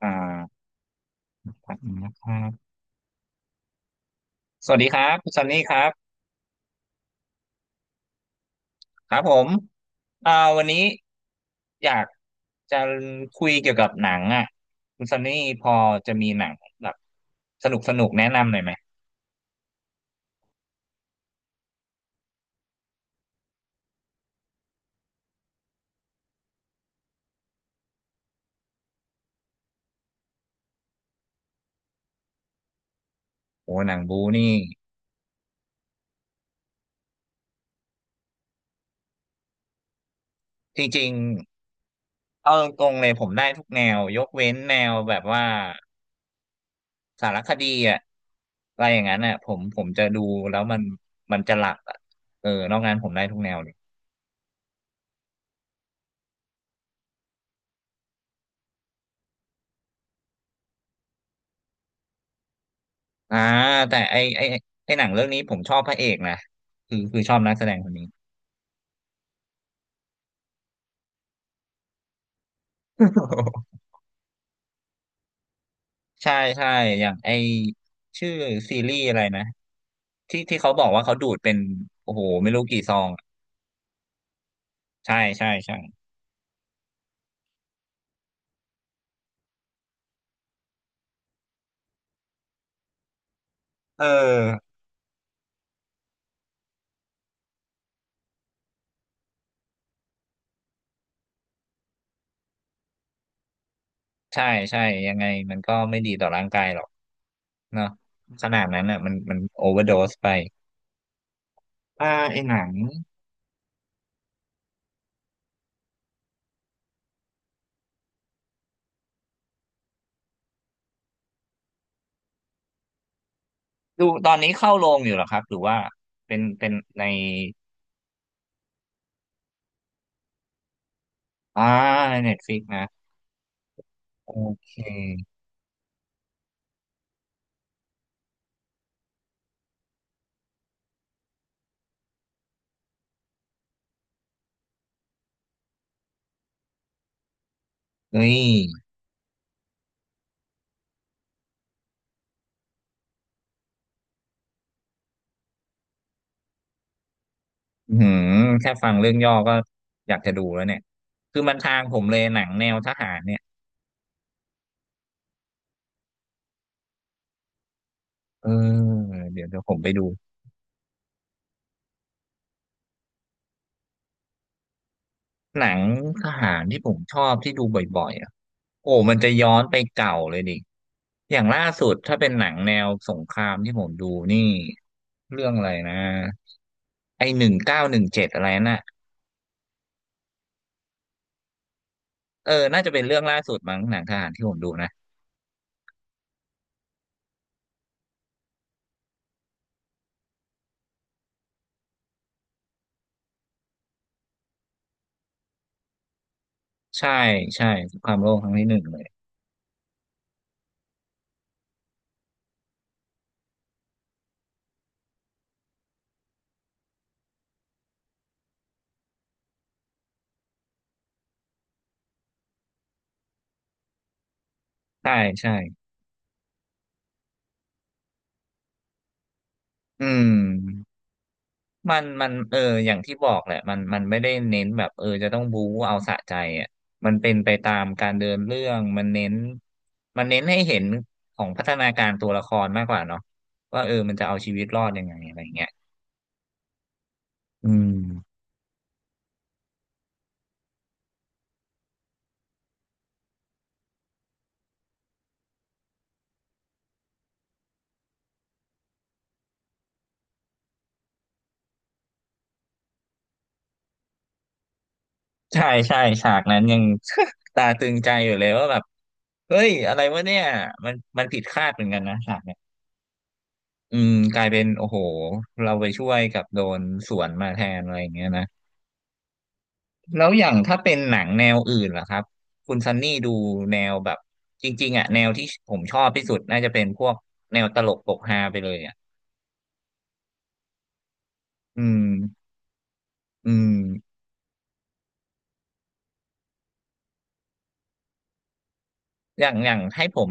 อ่าครับนงนะครับสวัสดีครับคุณซันนี่ครับครับผมอ่าวันนี้อยากจะคุยเกี่ยวกับหนังอ่ะคุณซันนี่พอจะมีหนังแบบสนุกแนะนำหน่อยไหมโอ้หนังบูนี่จริงๆเอาตรงๆเลยผมได้ทุกแนวยกเว้นแนวแบบว่าสารคดีอ่ะอะไรอย่างนั้นอ่ะผมจะดูแล้วมันจะหลับอ่ะเออนอกนั้นผมได้ทุกแนวเลย อ่าแต่ไอหนังเรื่องนี้ผมชอบพระเอกนะคือชอบนักแสดงคนนี้ ใช่ใช่อย่างไอชื่อซีรีส์อะไรนะที่เขาบอกว่าเขาดูดเป็นโอ้โหไม่รู้กี่ซองอะใช่ใช่ใช่เออใช่ใช่ยังไงมันก็ไม่ดีต่อร่างกายหรอกเนาะขนาดนั้นอ่ะมันโอเวอร์โดสไปไอหนังดูตอนนี้เข้าโรงอยู่เหรอครับหรือว่าเป็นในอ่าในเน็ตฟลิกนะโอเคเฮ้ย อืมแค่ฟังเรื่องย่อก็อยากจะดูแล้วเนี่ยคือมันทางผมเลยหนังแนวทหารเนี่ยเออเดี๋ยวผมไปดูหนังทหารที่ผมชอบที่ดูบ่อยๆอ่ะโอ้มันจะย้อนไปเก่าเลยดิ อย่างล่าสุดถ้าเป็นหนังแนวสงครามที่ผมดูนี่เรื่องอะไรนะไอ1917อะไรน่ะเออน่าจะเป็นเรื่องล่าสุดมั้งหนังทหารที่ผมดูนะใช่ใช่สงครามโลกครั้งที่หนึ่งเลยใช่ใช่อืม มันมันอย่างที่บอกแหละมันไม่ได้เน้นแบบเออจะต้องบู๊เอาสะใจอ่ะมันเป็นไปตามการเดินเรื่องมันเน้นมันเน้นให้เห็นของพัฒนาการตัวละครมากกว่าเนาะว่าเออมันจะเอาชีวิตรอดยังไงอะไรเงี้ยอืมใช่ใช่ฉากนั้นยัง ตาตึงใจอยู่เลยว่าแบบเฮ้ยอะไรวะเนี่ยมันผิดคาดเหมือนกันนะฉากเนี่ยอืมกลายเป็นโอ้โหเราไปช่วยกับโดนสวนมาแทนอะไรอย่างเงี้ยนะ แล้วอย่างถ้าเป็นหนังแนวอื่นล่ะครับคุณซันนี่ดูแนวแบบจริงๆอ่ะแนวที่ผมชอบที่สุดน่าจะเป็นพวกแนวตลกปกฮาไปเลยอ่ะอืมอืมอย่างอย่างให้ผม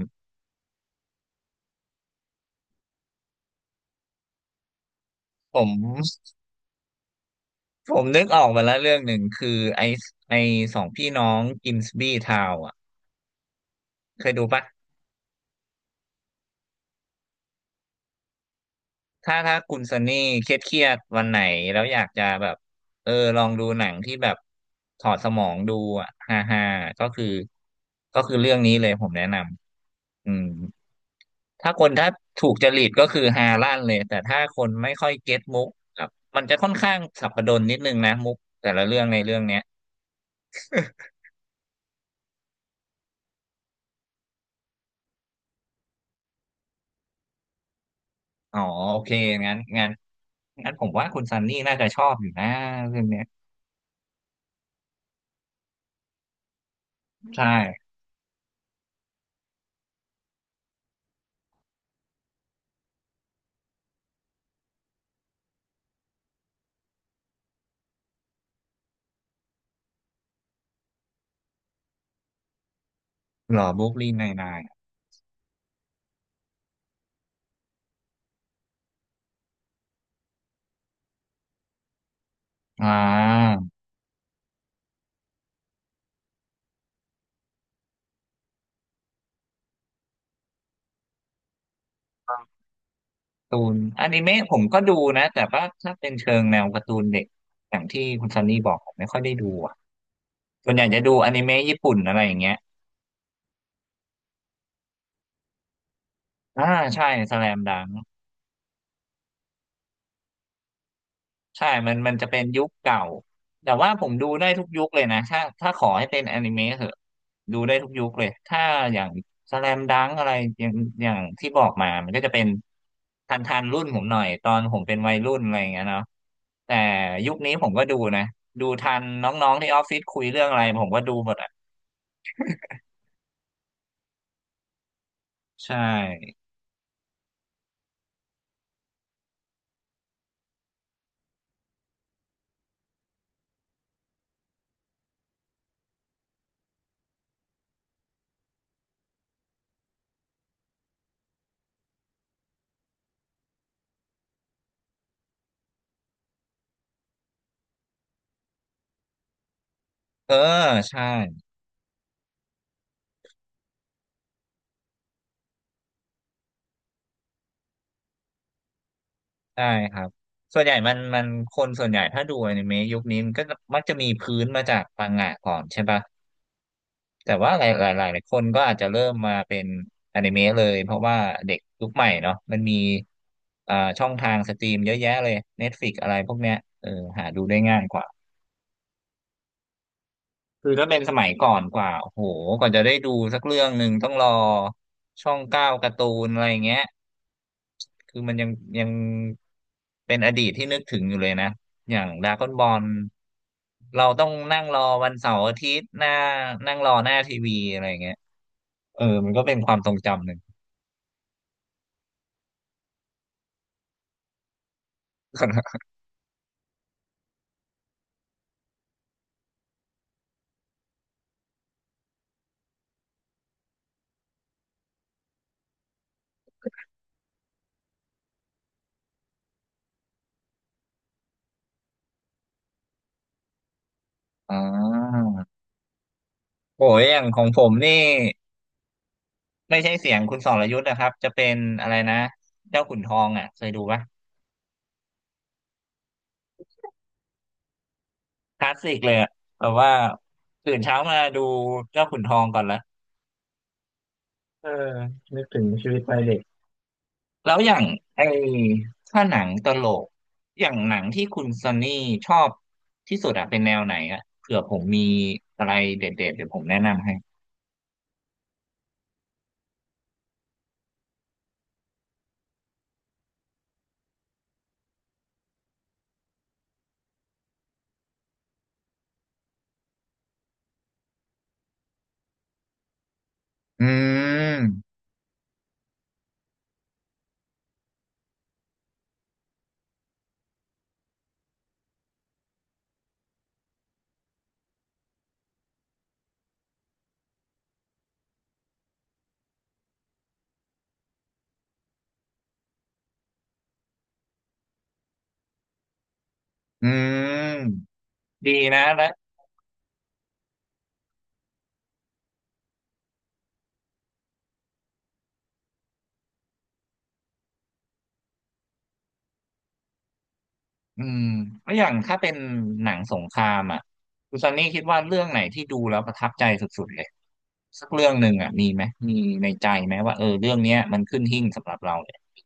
ผมผมนึกออกมาแล้วเรื่องหนึ่งคือไอไอสองพี่น้องกิมสบีทาวอ่ะเคยดูปะ ถ้าถ้าคุณซันนี่เครียดวันไหนแล้วอยากจะแบบเออลองดูหนังที่แบบถอดสมองดูอ่ะฮ่าฮ่าก็คือก็คือเรื่องนี้เลยผมแนะนำอืมถ้าคนถ้าถูกจริตก็คือฮาลั่นเลยแต่ถ้าคนไม่ค่อยเก็ตมุกครับมันจะค่อนข้างสับปะรดนิดนึงนะมุกแต่ละเรื่องในเรื่องเนี้ยอ๋อโอเคงั้นงั้นผมว่าคุณซันนี่น่าจะชอบอยู่นะเรื่องเนี้ยใช่หรอบุ๊กลีนไนน์ไนน์อ่า ตูนอนิเมะผมก็ดูนะแต่ว่าถ้าเป็นเชิงแนวการ์ตูนเด็กอย่างที่คุณซันนี่บอกผมไม่ค่อยได้ดูอ่ะส่วนใหญ่จะดูอนิเมะญี่ปุ่นอะไรอย่างเงี้ยอ่าใช่สแลมดัง ใช่มันมันจะเป็นยุคเก่าแต่ว่าผมดูได้ทุกยุคเลยนะ ถ้าถ้าขอให้เป็นอนิเมะเหอะดูได้ทุกยุคเลย ถ้าอย่างสแลมดังอะไรอย่างอย่างที่บอกมามันก็จะเป็นทันรุ่นผมหน่อยตอนผมเป็นวัยรุ่นอะไรอย่างเงี้ยเนาะแต่ยุคนี้ผมก็ดูนะ ดูทันน้องๆที่ออฟฟิศคุยเรื่องอะไรผมก็ดูหมดอ่ะใช่เออใช่ใช่ครับส่วนใหญ่มันคนส่วนใหญ่ถ้าดูอนิเมะยุคนี้มันก็มักจะมีพื้นมาจากมังงะก่อนใช่ปะ แต่ว่าหลายคนก็อาจจะเริ่มมาเป็นอนิเมะเลยเพราะว่าเด็กยุคใหม่เนาะมันมีช่องทางสตรีมเยอะแยะเลย Netflix อะไรพวกเนี้ยเออหาดูได้ง่ายกว่าคือถ้าเป็นสมัยก่อนกว่าโอ้โหก่อนจะได้ดูสักเรื่องหนึ่งต้องรอช่องเก้าการ์ตูนอะไรเงี้ยคือมันยังเป็นอดีตที่นึกถึงอยู่เลยนะอย่างดราก้อนบอลเราต้องนั่งรอวันเสาร์อาทิตย์หน้านั่งรอหน้าทีวีอะไรเงี้ยเออมันก็เป็นความทรงจำหนึ่ง อ่าโอ้ยอย่างของผมนี่ไม่ใช่เสียงคุณสรยุทธ์นะครับจะเป็นอะไรนะเจ้าขุนทองอ่ะเคยดูปะคลาสสิกเลยอะแบบว่าตื่นเช้ามาดูเจ้าขุนทองก่อนละเออนึกถึงชีวิตวัยเด็กแล้วอย่างไอ้ถ้าหนังตลกอย่างหนังที่คุณซันนี่ชอบที่สุดอะเป็นแนวไหนอะเผื่อผมมีอะไรเด็ดๆเดี๋ยวผมแนะนำให้อืมอืมดีนะ อืมแล้วอย่างถ้าเป็นหนังสงครามอ่ะคุณซันนี่คิดว่าเรื่องไหนที่ดูแล้วประทับใจสุดๆเลยสักเรื่องหนึ่งอ่ะมีไหม มีในใจไหมว่าเออเรื่องเนี้ยมันขึ้นหิ้งสำหรับเราเลย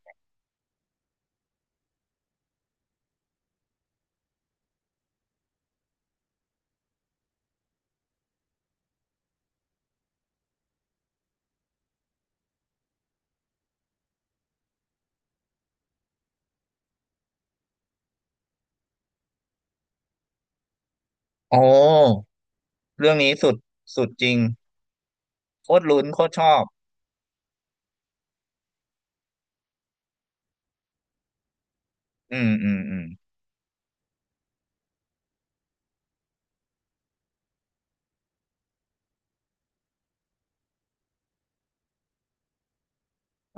โอ้เรื่องนี้สุดสุดจริงโคตรลุ้นโคตรชอบ อืมอืมอืม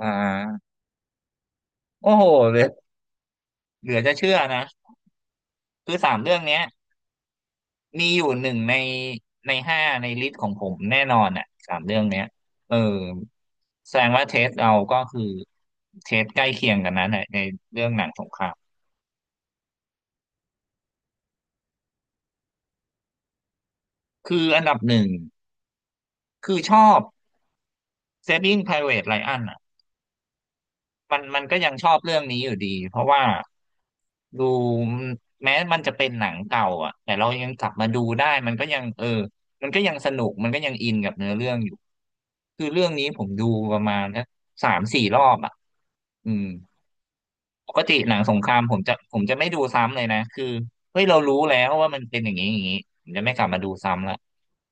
อ่าโอ้โหเหลือเหลือจะเชื่อนะคือสามเรื่องเนี้ย มีอยู่หนึ่งในในห้าในลิสต์ของผมแน่นอนอ่ะสามเรื่องเนี้ยเออแสดงว่าเทสเราก็คือเทสใกล้เคียงกันนั้นแหละในเรื่องหนังสงครามคืออันดับหนึ่งคือชอบ Saving Private Ryan อ่ะ มันก็ยังชอบเรื่องนี้อยู่ดีเพราะว่าดูแม้มันจะเป็นหนังเก่าอ่ะแต่เรายังกลับมาดูได้มันก็ยังเออมันก็ยังสนุกมันก็ยังอินกับเนื้อเรื่องอยู่คือเรื่องนี้ผมดูประมาณนะสามสี่รอบอ่ะอืมปกติหนังสงครามผมจะไม่ดูซ้ำเลยนะคือเฮ้ยเรารู้แล้วว่ามันเป็นอย่างนี้อย่างนี้ผมจะไม่กลับมาดูซ้ำละ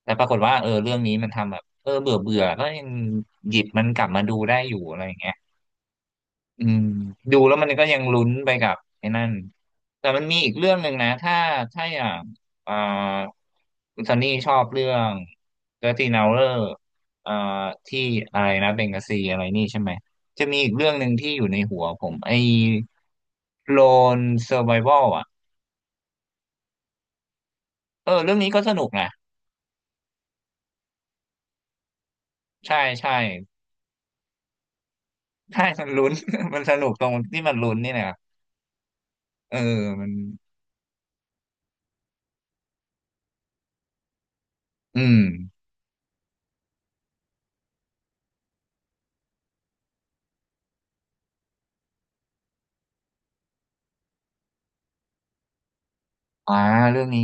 แต่ปรากฏว่าเออเรื่องนี้มันทำแบบเออเบื่อเบื่อก็ยังหยิบมันกลับมาดูได้อยู่อะไรอย่างเงี้ย อืมดูแล้วมันก็ยังลุ้นไปกับไอ้นั่นแต่มันมีอีกเรื่องหนึ่งนะถ้าอย่างอ่าคุณซันนี่ชอบเรื่องเดอร์ตี้นาเลอร์อ่าที่อะไรนะเบงกาซีอะไรนี่ใช่ไหมจะมีอีกเรื่องหนึ่งที่อยู่ในหัวผมไอ้โลนเซอร์ไ a วัลอ่ะเออเรื่องนี้ก็สนุกนะใช่ใช่ใช่มันลุ้น มันสนุกตรงที่มันลุ้นนี่แหละครับเออมันอืมอ่าเรื่องนี้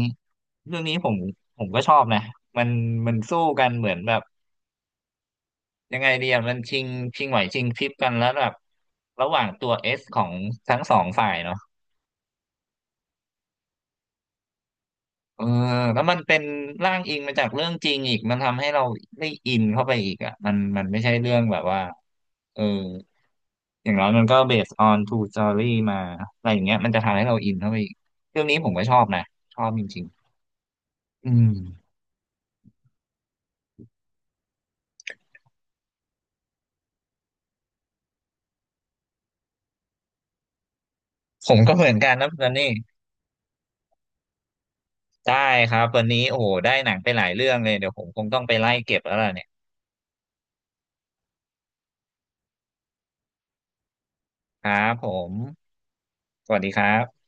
เรื่องนี้ผมก็ชอบนะมันสู้กันเหมือนแบบยังไงดีอะมันชิงไหวชิงพริบกันแล้วแบบระหว่างตัวเอสของทั้งสองฝ่ายเนาะเออแล้วมันเป็นร่างอิงมาจากเรื่องจริงอีกมันทำให้เราได้อินเข้าไปอีกอ่ะมันไม่ใช่เรื่องแบบว่าเอออย่างน้อยมันก็ based on true story มาอะไรอย่างเงี้ยมันจะทำให้เราอินเข้าไปอีกเรื่องนี้ผมก็ชอบนะชอบจริงๆอืมผมก็เหมือนกันนะตอนนี้ ได้ครับวันนี้โอ้โหได้หนังไปหลายเรื่องเลย เดี๋ยวผมคงต้องไปไล่เก็บแล้วล่ะเนี่ยครับผม สวัสดีครับ